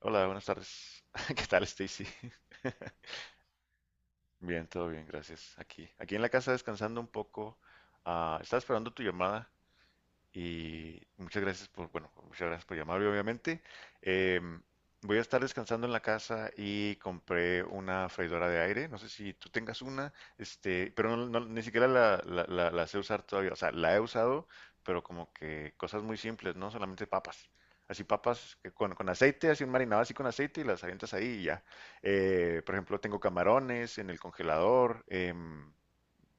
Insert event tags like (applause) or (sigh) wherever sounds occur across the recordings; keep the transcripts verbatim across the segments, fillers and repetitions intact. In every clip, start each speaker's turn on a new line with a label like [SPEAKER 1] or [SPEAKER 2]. [SPEAKER 1] Hola, buenas tardes. (laughs) ¿Qué tal, Stacy? (laughs) Bien, todo bien, gracias. Aquí, aquí en la casa descansando un poco. Ah, estaba esperando tu llamada. Y muchas gracias por, bueno, muchas gracias por llamarme, obviamente. Eh, voy a estar descansando en la casa y compré una freidora de aire. No sé si tú tengas una, este, pero no, no- ni siquiera la, la, la- la sé usar todavía. O sea, la he usado, pero como que cosas muy simples, no solamente papas. Así papas que con, con aceite, así un marinado así con aceite y las avientas ahí y ya. Eh, por ejemplo, tengo camarones en el congelador. em,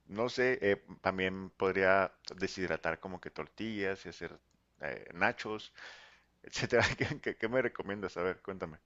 [SPEAKER 1] No sé, eh, también podría deshidratar como que tortillas y hacer eh, nachos, etcétera. (laughs) ¿Qué, qué- Qué me recomiendas? A ver, cuéntame.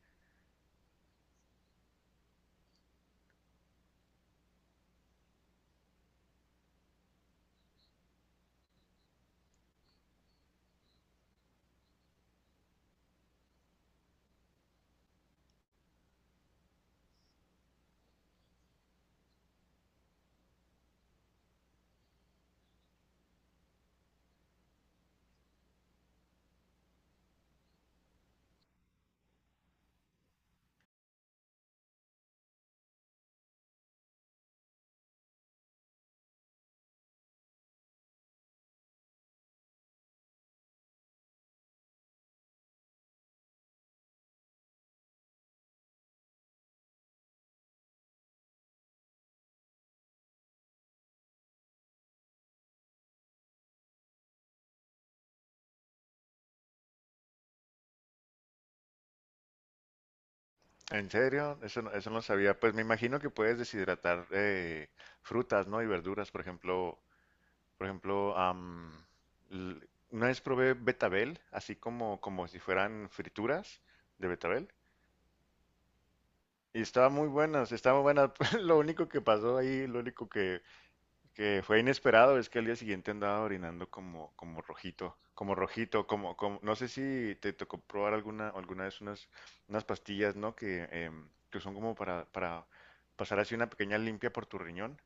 [SPEAKER 1] ¿En serio? Eso no, eso no sabía. Pues me imagino que puedes deshidratar eh, frutas, ¿no? Y verduras, por ejemplo, por ejemplo, am, l- una vez probé betabel, así como, como si fueran frituras de betabel. Y estaba muy buenas, estaba muy buena. (laughs) Lo único que pasó ahí, lo único que que fue inesperado es que al día siguiente andaba orinando como, como rojito, como rojito, como, como, no sé si te tocó probar alguna, alguna vez unas, unas pastillas, ¿no? Que, em, que son como para, para pasar así una pequeña limpia por tu riñón.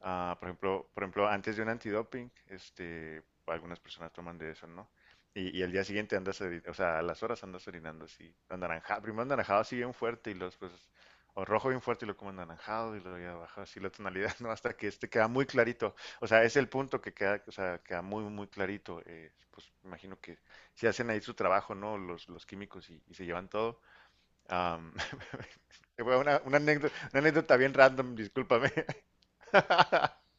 [SPEAKER 1] Ah, por ejemplo, por ejemplo, antes de un antidoping, este, algunas personas toman de eso, ¿no? Y, y al día siguiente andas, ori- o sea, a las horas andas orinando así, anaranjado, primero anaranjado así bien fuerte y los pues, o rojo bien fuerte y lo como anaranjado y luego ya baja así la tonalidad, (laughs) ¿no? Hasta que este queda muy clarito, o sea, es el punto que queda, o sea, queda muy, muy clarito, eh, pues imagino que si hacen ahí su trabajo, ¿no? Los, los químicos y, y se llevan todo. Am, (laughs) Una, una anécdota, una anécdota bien random, discúlpame. (laughs)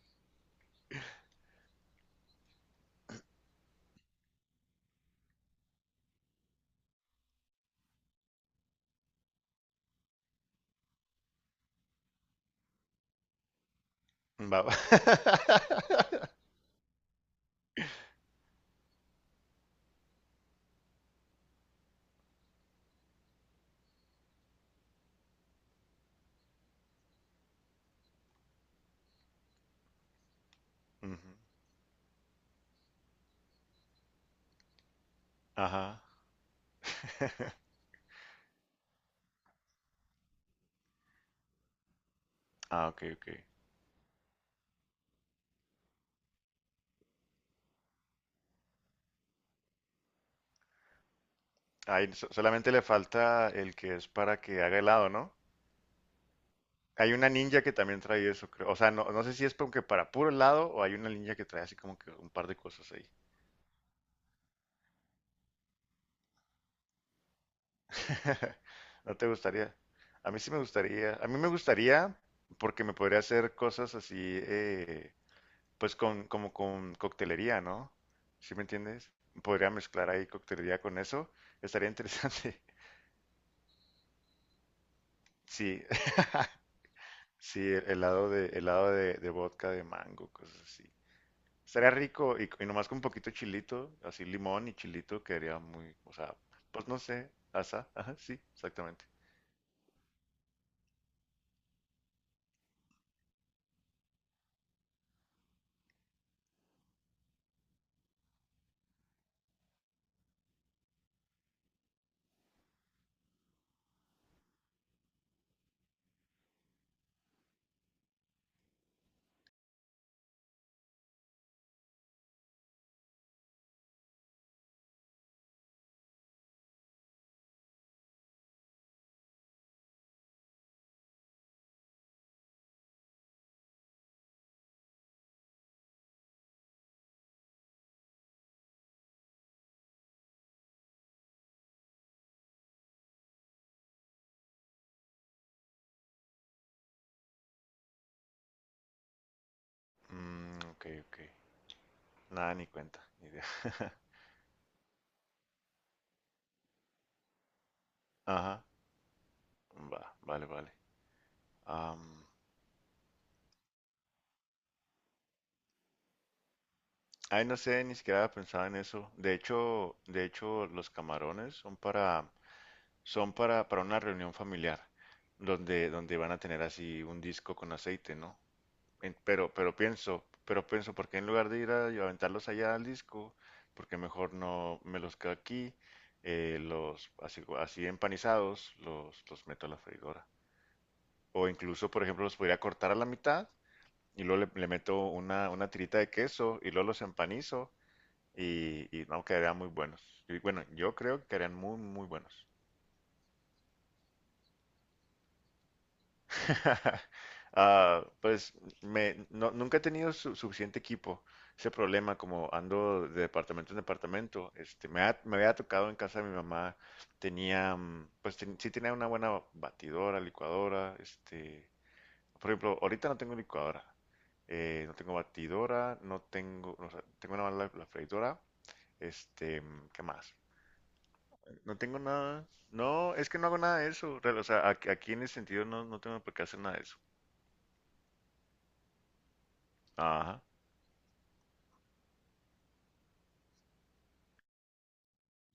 [SPEAKER 1] Va. (laughs) Ujú. Ajá. (laughs) Ah, ok, ok. Ahí so- solamente le falta el que es para que haga helado, ¿no? Hay una ninja que también trae eso, creo. O sea, no, no sé si es como que para puro helado o hay una ninja que trae así como que un par de cosas ahí. (laughs) ¿No te gustaría? A mí sí me gustaría. A mí me gustaría porque me podría hacer cosas así, eh, pues con, como con coctelería, ¿no? ¿Sí me entiendes? Podría mezclar ahí coctelería con eso. Estaría interesante. (laughs) Sí, (laughs) sí, el- helado de, helado de, de vodka de mango, cosas así. Estaría rico y, y nomás con un poquito de chilito, así limón y chilito, quedaría muy, o sea, pues no sé, asa, (laughs) ajá, sí, exactamente. Mm, ok, ok. Nada, ni cuenta, ni idea. (laughs) Ajá, va, vale, vale. Am, ay, no sé, ni siquiera pensaba en eso. De hecho, de hecho, los camarones son para, son para, para una reunión familiar, donde, donde van a tener así un disco con aceite, ¿no? En- pero, pero pienso, pero pienso, ¿por qué en lugar de ir a y aventarlos allá al disco? Porque mejor no me los quedo aquí, eh, los así, así empanizados, los, los meto a la freidora. O incluso, por ejemplo, los podría cortar a la mitad y luego le, le meto una, una tirita de queso y luego los empanizo y, y no, quedarían muy buenos. Y bueno, yo creo que quedarían muy, muy buenos. (laughs) Ah, pues me, no- nunca he tenido su- suficiente equipo. Ese problema, como ando de departamento en departamento, este, me, ha- me había tocado en casa de mi mamá, tenía, mm, pues ten- sí tenía una buena batidora, licuadora, este, por ejemplo, ahorita no tengo licuadora, eh, no tengo batidora, no tengo, o sea, tengo nada más la, la freidora, este, mm, ¿qué más? No tengo nada, no, es que no hago nada de eso, real, o sea, aquí aquí en ese sentido no, no tengo por qué hacer nada de eso. Ajá.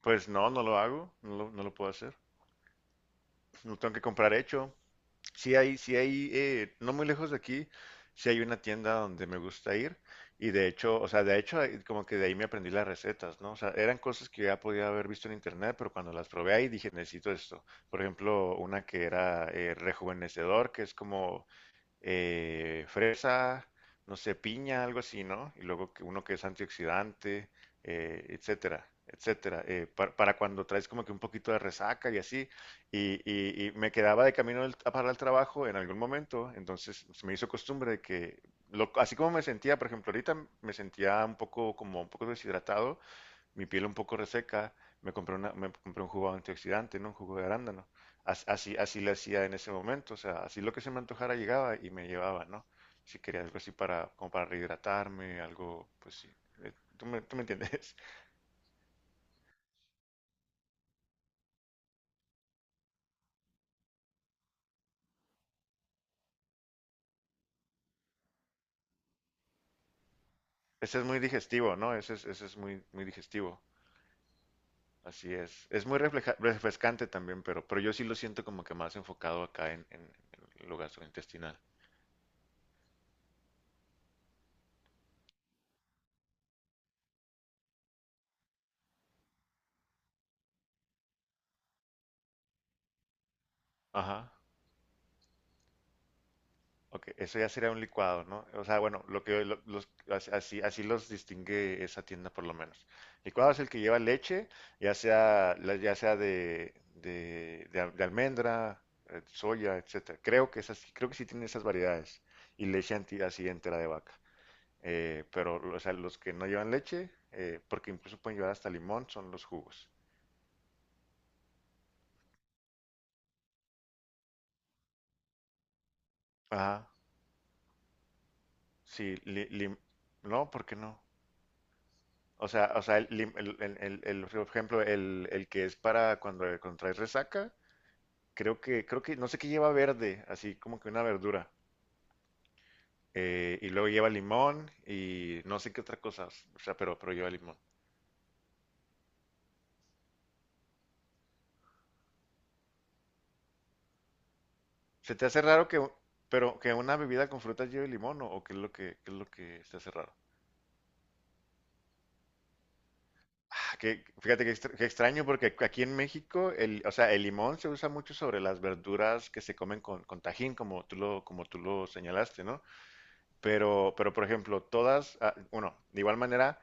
[SPEAKER 1] Pues no, no lo hago, no lo, no lo puedo hacer. No tengo que comprar hecho. Sí hay, sí hay, eh, no muy lejos de aquí, sí hay una tienda donde me gusta ir. Y de hecho, o sea, de hecho, ahí- como que de ahí me aprendí las recetas, ¿no? O sea, eran cosas que ya podía haber visto en internet, pero cuando las probé ahí dije, necesito esto. Por ejemplo, una que era eh, rejuvenecedor, que es como eh, fresa, no sé, piña, algo así, ¿no? Y luego que uno que es antioxidante, eh, etcétera, etcétera, eh, pa- para cuando traes como que un poquito de resaca y así. Y, y- y me quedaba de camino al- para el trabajo en algún momento, entonces se me hizo costumbre de que, lo- así como me sentía, por ejemplo, ahorita me sentía un poco como un poco deshidratado, mi piel un poco reseca, me compré, una, me compré un jugo antioxidante, ¿no? Un jugo de arándano. Así, así le hacía en ese momento, o sea, así lo que se me antojara llegaba y me llevaba, ¿no? Si quería algo así para, como para rehidratarme, algo, pues sí. Eh, Tú me, tú me entiendes. (laughs) Ese es muy digestivo, ¿no? Ese es, ese es muy, muy digestivo. Así es. Es muy refleja- refrescante también, pero, pero yo sí lo siento como que más enfocado acá en, en, en lo gastrointestinal. Ajá. Ok, eso ya sería un licuado, ¿no? O sea, bueno, lo que lo- los, as- así, así los distingue esa tienda por lo menos. Licuado es el que lleva leche, ya sea, la- ya sea de, de, de al- de almendra, eh, soya, etcétera. Creo que esas, creo que sí tienen esas variedades. Y leche anti- así entera de vaca. Eh, pero, o sea, los que no llevan leche, eh, porque incluso pueden llevar hasta limón, son los jugos. Ajá, sí, li- lim- no, ¿por qué no? O sea, o sea, el, el- el- el- el- por ejemplo, el, el que es para cuando contraes resaca, creo que, creo que, no sé qué lleva verde, así como que una verdura. Eh, y luego lleva limón y no sé qué otra cosa, o sea, pero, pero lleva limón. ¿Se te hace raro que, un- pero que una bebida con frutas lleve limón o, o qué es lo que, qué es lo que se hace raro? Ah, que, fíjate que, extra- que extraño porque ac- aquí en México, el, o sea, el limón se usa mucho sobre las verduras que se comen con, con tajín, como tú lo, como tú lo señalaste, ¿no? Pero, pero por ejemplo, todas, ah, bueno, de igual manera,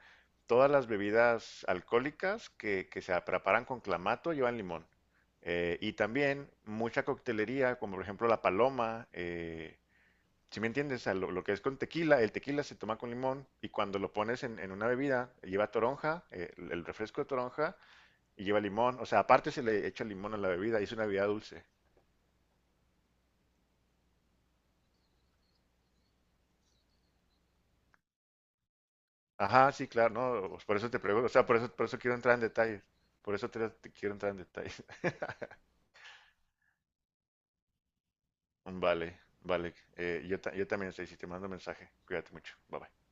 [SPEAKER 1] todas las bebidas alcohólicas que, que se preparan con clamato llevan limón. Eh, y también mucha coctelería, como por ejemplo la paloma, eh, si me entiendes. O sea, lo, lo que es con tequila, el tequila se toma con limón y cuando lo pones en, en una bebida lleva toronja, eh, el el refresco de toronja y lleva limón, o sea, aparte se le echa limón a la bebida y es una bebida dulce. Ajá, sí, claro, no, pues por eso te pregunto, o sea, por eso, por eso quiero entrar en detalles, por eso te, te quiero entrar en detalles. Vale, vale. Eh, yo, ta- yo también, Stacy, te mando mensaje. Cuídate mucho. Bye bye.